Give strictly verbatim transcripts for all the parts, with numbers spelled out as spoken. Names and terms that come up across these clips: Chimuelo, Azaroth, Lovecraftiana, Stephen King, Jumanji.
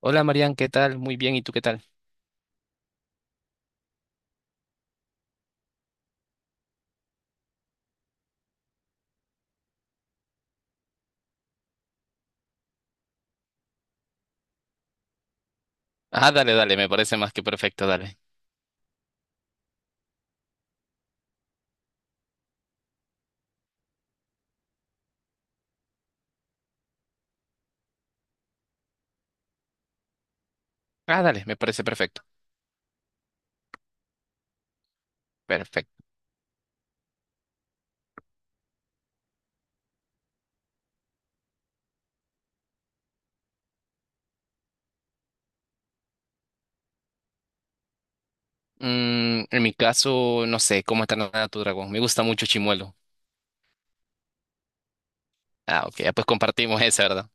Hola Marian, ¿qué tal? Muy bien, ¿y tú qué tal? Ah, dale, dale, me parece más que perfecto, dale. Ah, dale, me parece perfecto. Perfecto. Mm, en mi caso, no sé, ¿cómo está nada tu dragón? Me gusta mucho Chimuelo. Ah, ok, ya pues compartimos esa, ¿verdad?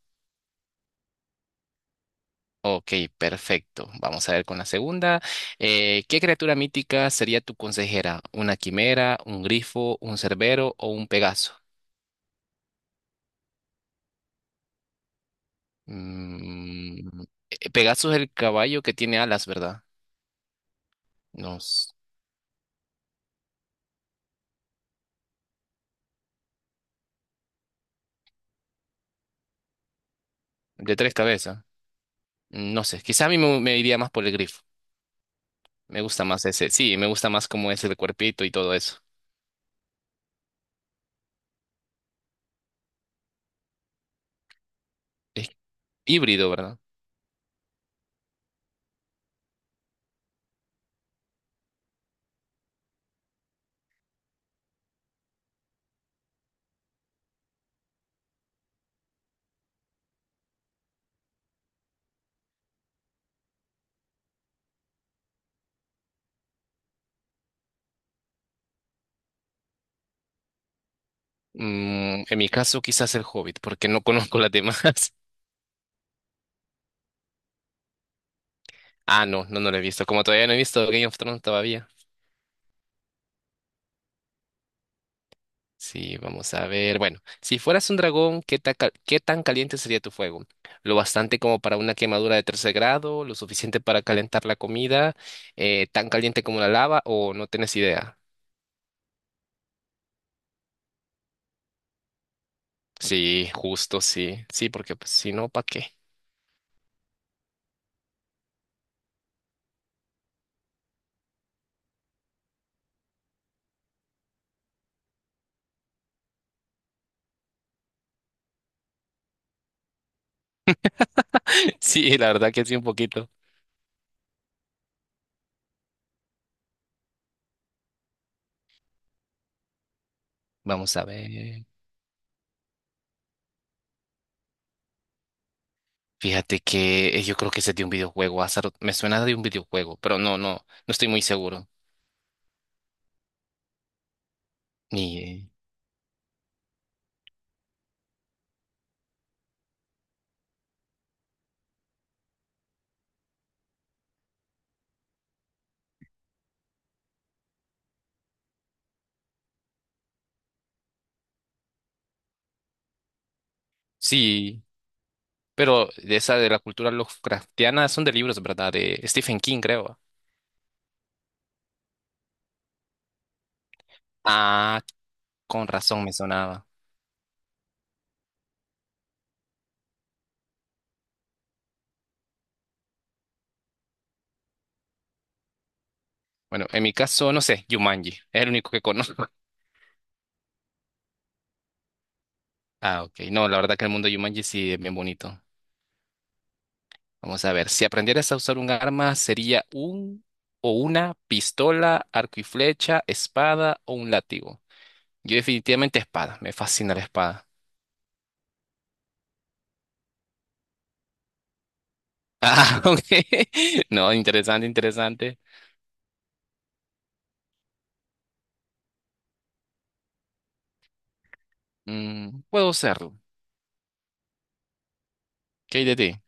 Ok, perfecto. Vamos a ver con la segunda. Eh, ¿qué criatura mítica sería tu consejera? ¿Una quimera, un grifo, un cerbero o un pegaso? Mm, eh, Pegaso es el caballo que tiene alas, ¿verdad? Nos... De tres cabezas. No sé, quizá a mí me, me iría más por el grifo. Me gusta más ese. Sí, me gusta más cómo es el cuerpito y todo eso. Es híbrido, ¿verdad? Mm, en mi caso, quizás el Hobbit, porque no conozco las demás. Ah, no, no, no lo he visto. Como todavía no he visto Game of Thrones todavía. Sí, vamos a ver. Bueno, si fueras un dragón, ¿qué tan, cal- qué tan caliente sería tu fuego? ¿Lo bastante como para una quemadura de tercer grado? ¿Lo suficiente para calentar la comida? Eh, ¿tan caliente como la lava? ¿O no tienes idea? Sí, justo, sí. Sí, porque pues, si no, ¿para qué? Sí, la verdad que sí, un poquito. Vamos a ver. Fíjate que eh, yo creo que ese es de un videojuego, Azaroth. Me suena de un videojuego, pero no, no, no estoy muy seguro. Ni. Eh, Sí, pero de esa de la cultura Lovecraftiana son de libros, ¿verdad? De Stephen King, creo. Ah, con razón me sonaba. Bueno, en mi caso, no sé, Jumanji. Es el único que conozco. Ah, ok. No, la verdad que el mundo de Jumanji sí es bien bonito. Vamos a ver, si aprendieras a usar un arma, ¿sería un o una pistola, arco y flecha, espada o un látigo? Yo definitivamente espada, me fascina la espada. Ah, ok. No, interesante, interesante. Mm, puedo usarlo. ¿Qué hay de ti?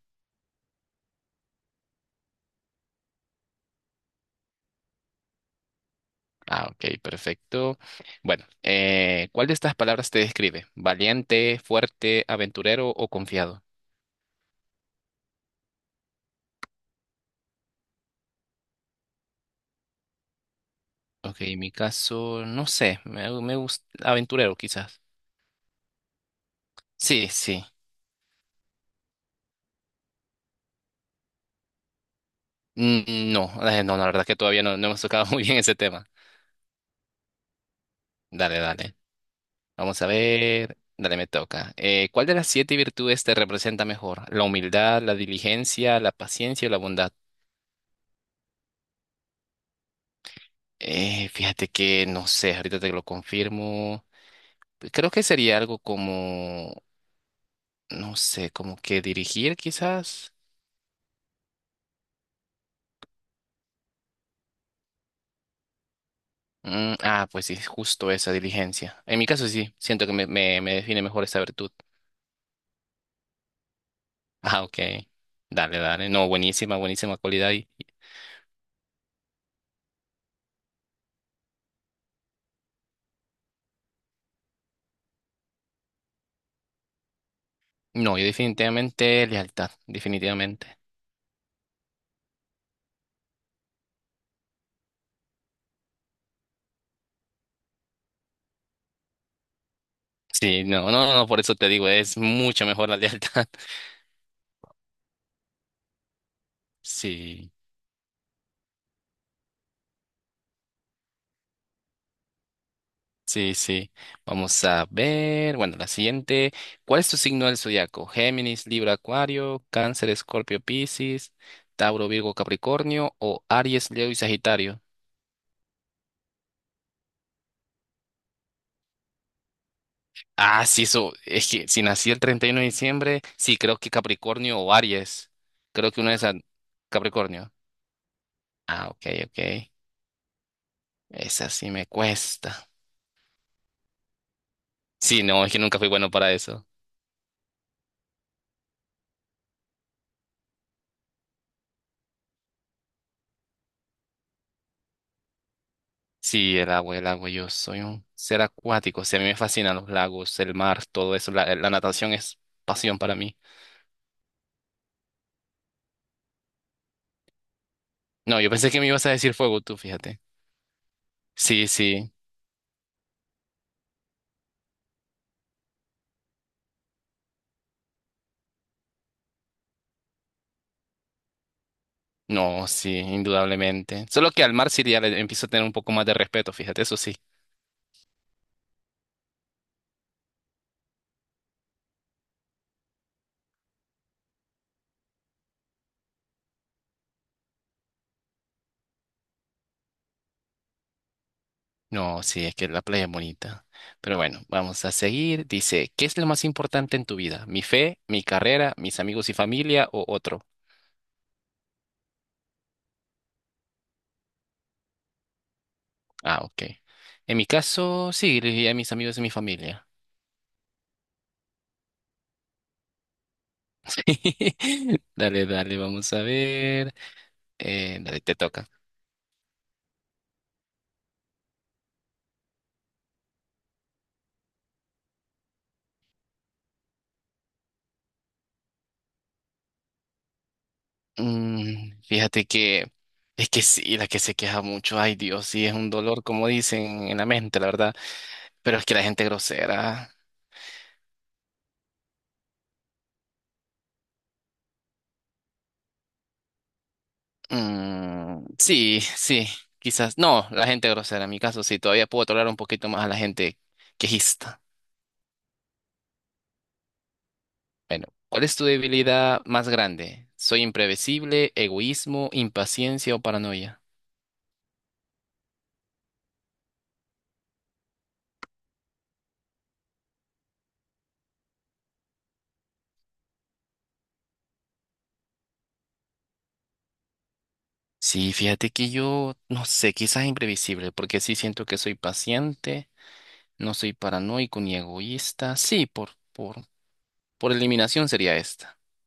Ah, ok, perfecto. Bueno, eh, ¿cuál de estas palabras te describe? ¿Valiente, fuerte, aventurero o confiado? Ok, en mi caso, no sé, me, me gusta aventurero quizás. Sí, sí. Mm, No, eh, no, la verdad es que todavía no, no hemos tocado muy bien ese tema. Dale, dale. Vamos a ver. Dale, me toca. Eh, ¿cuál de las siete virtudes te representa mejor? ¿La humildad, la diligencia, la paciencia o la bondad? Eh, fíjate que no sé, ahorita te lo confirmo. Creo que sería algo como, no sé, como que dirigir quizás. Mm, ah, pues sí, justo esa diligencia. En mi caso sí, siento que me, me, me define mejor esa virtud. Ah, ok. Dale, dale. No, buenísima, buenísima cualidad. No, yo definitivamente lealtad, definitivamente. Sí, no, no, no, por eso te digo, es mucho mejor la lealtad. Sí, sí, sí. Vamos a ver, bueno, la siguiente. ¿Cuál es tu signo del zodiaco? Géminis, Libra, Acuario, Cáncer, Escorpio, Piscis, Tauro, Virgo, Capricornio o Aries, Leo y Sagitario. Ah, sí, eso, es que si nací el treinta y uno de diciembre, sí, creo que Capricornio o Aries. Creo que una de esas, Capricornio. Ah, ok, ok. Esa sí me cuesta. Sí, no, es que nunca fui bueno para eso. Sí, el agua, el agua, yo soy un ser acuático. Sí, a mí me fascinan los lagos, el mar, todo eso. La, la natación es pasión para mí. No, yo pensé que me ibas a decir fuego tú, fíjate. Sí, sí, no, sí, indudablemente. Solo que al mar sí ya le empiezo a tener un poco más de respeto, fíjate, eso sí. No, sí, es que la playa es bonita. Pero bueno, vamos a seguir. Dice, ¿qué es lo más importante en tu vida? ¿Mi fe, mi carrera, mis amigos y familia o otro? Ah, ok. En mi caso, sí, le diría a mis amigos y mi familia. Dale, dale, vamos a ver. Eh, dale, te toca. Mm, fíjate que es que sí, la que se queja mucho, ay Dios, sí, es un dolor, como dicen en la mente, la verdad. Pero es que la gente grosera. Mm, sí, sí, quizás. No, la gente grosera, en mi caso, sí, todavía puedo tolerar un poquito más a la gente quejista. Bueno, ¿cuál es tu debilidad más grande? ¿Soy imprevisible, egoísmo, impaciencia o paranoia? Sí, fíjate que yo no sé, quizás imprevisible, porque sí siento que soy paciente, no soy paranoico ni egoísta. Sí, por, por, por eliminación sería esta.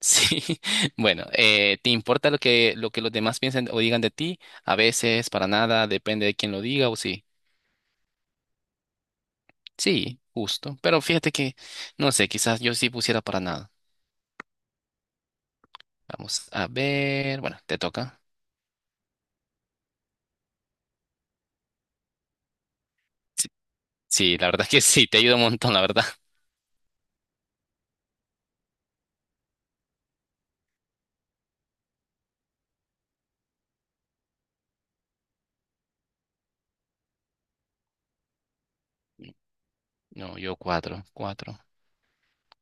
Sí, bueno, eh, ¿te importa lo que, lo que los demás piensen o digan de ti? A veces, para nada, depende de quién lo diga o sí. Sí, justo, pero fíjate que, no sé, quizás yo sí pusiera para nada. Vamos a ver. Bueno, te toca. Sí, sí, la verdad es que sí, te ayuda un montón, la verdad. No, yo cuatro, cuatro.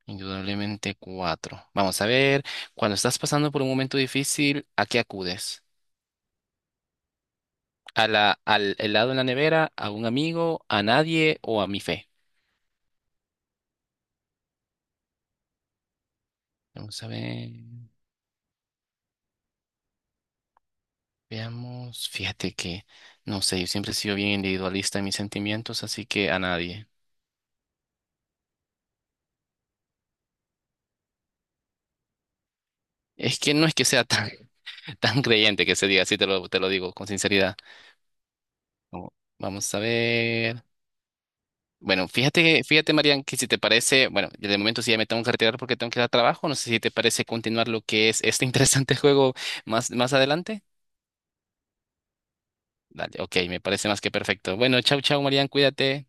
Indudablemente cuatro. Vamos a ver. Cuando estás pasando por un momento difícil, ¿a qué acudes? ¿A la, al helado en la nevera? ¿A un amigo? ¿A nadie? ¿O a mi fe? Vamos a ver. Veamos. Fíjate que, no sé, yo siempre he sido bien individualista en mis sentimientos, así que a nadie. Es que no es que sea tan, tan creyente que se diga, así te lo, te lo digo con sinceridad. Como- Vamos a ver. Bueno, fíjate, fíjate, Marian, que si te parece, bueno, yo de momento sí ya me tengo que retirar porque tengo que ir a trabajo. No sé si te parece continuar lo que es este interesante juego más, más adelante. Dale, ok, me parece más que perfecto. Bueno, chau, chau, Marian, cuídate.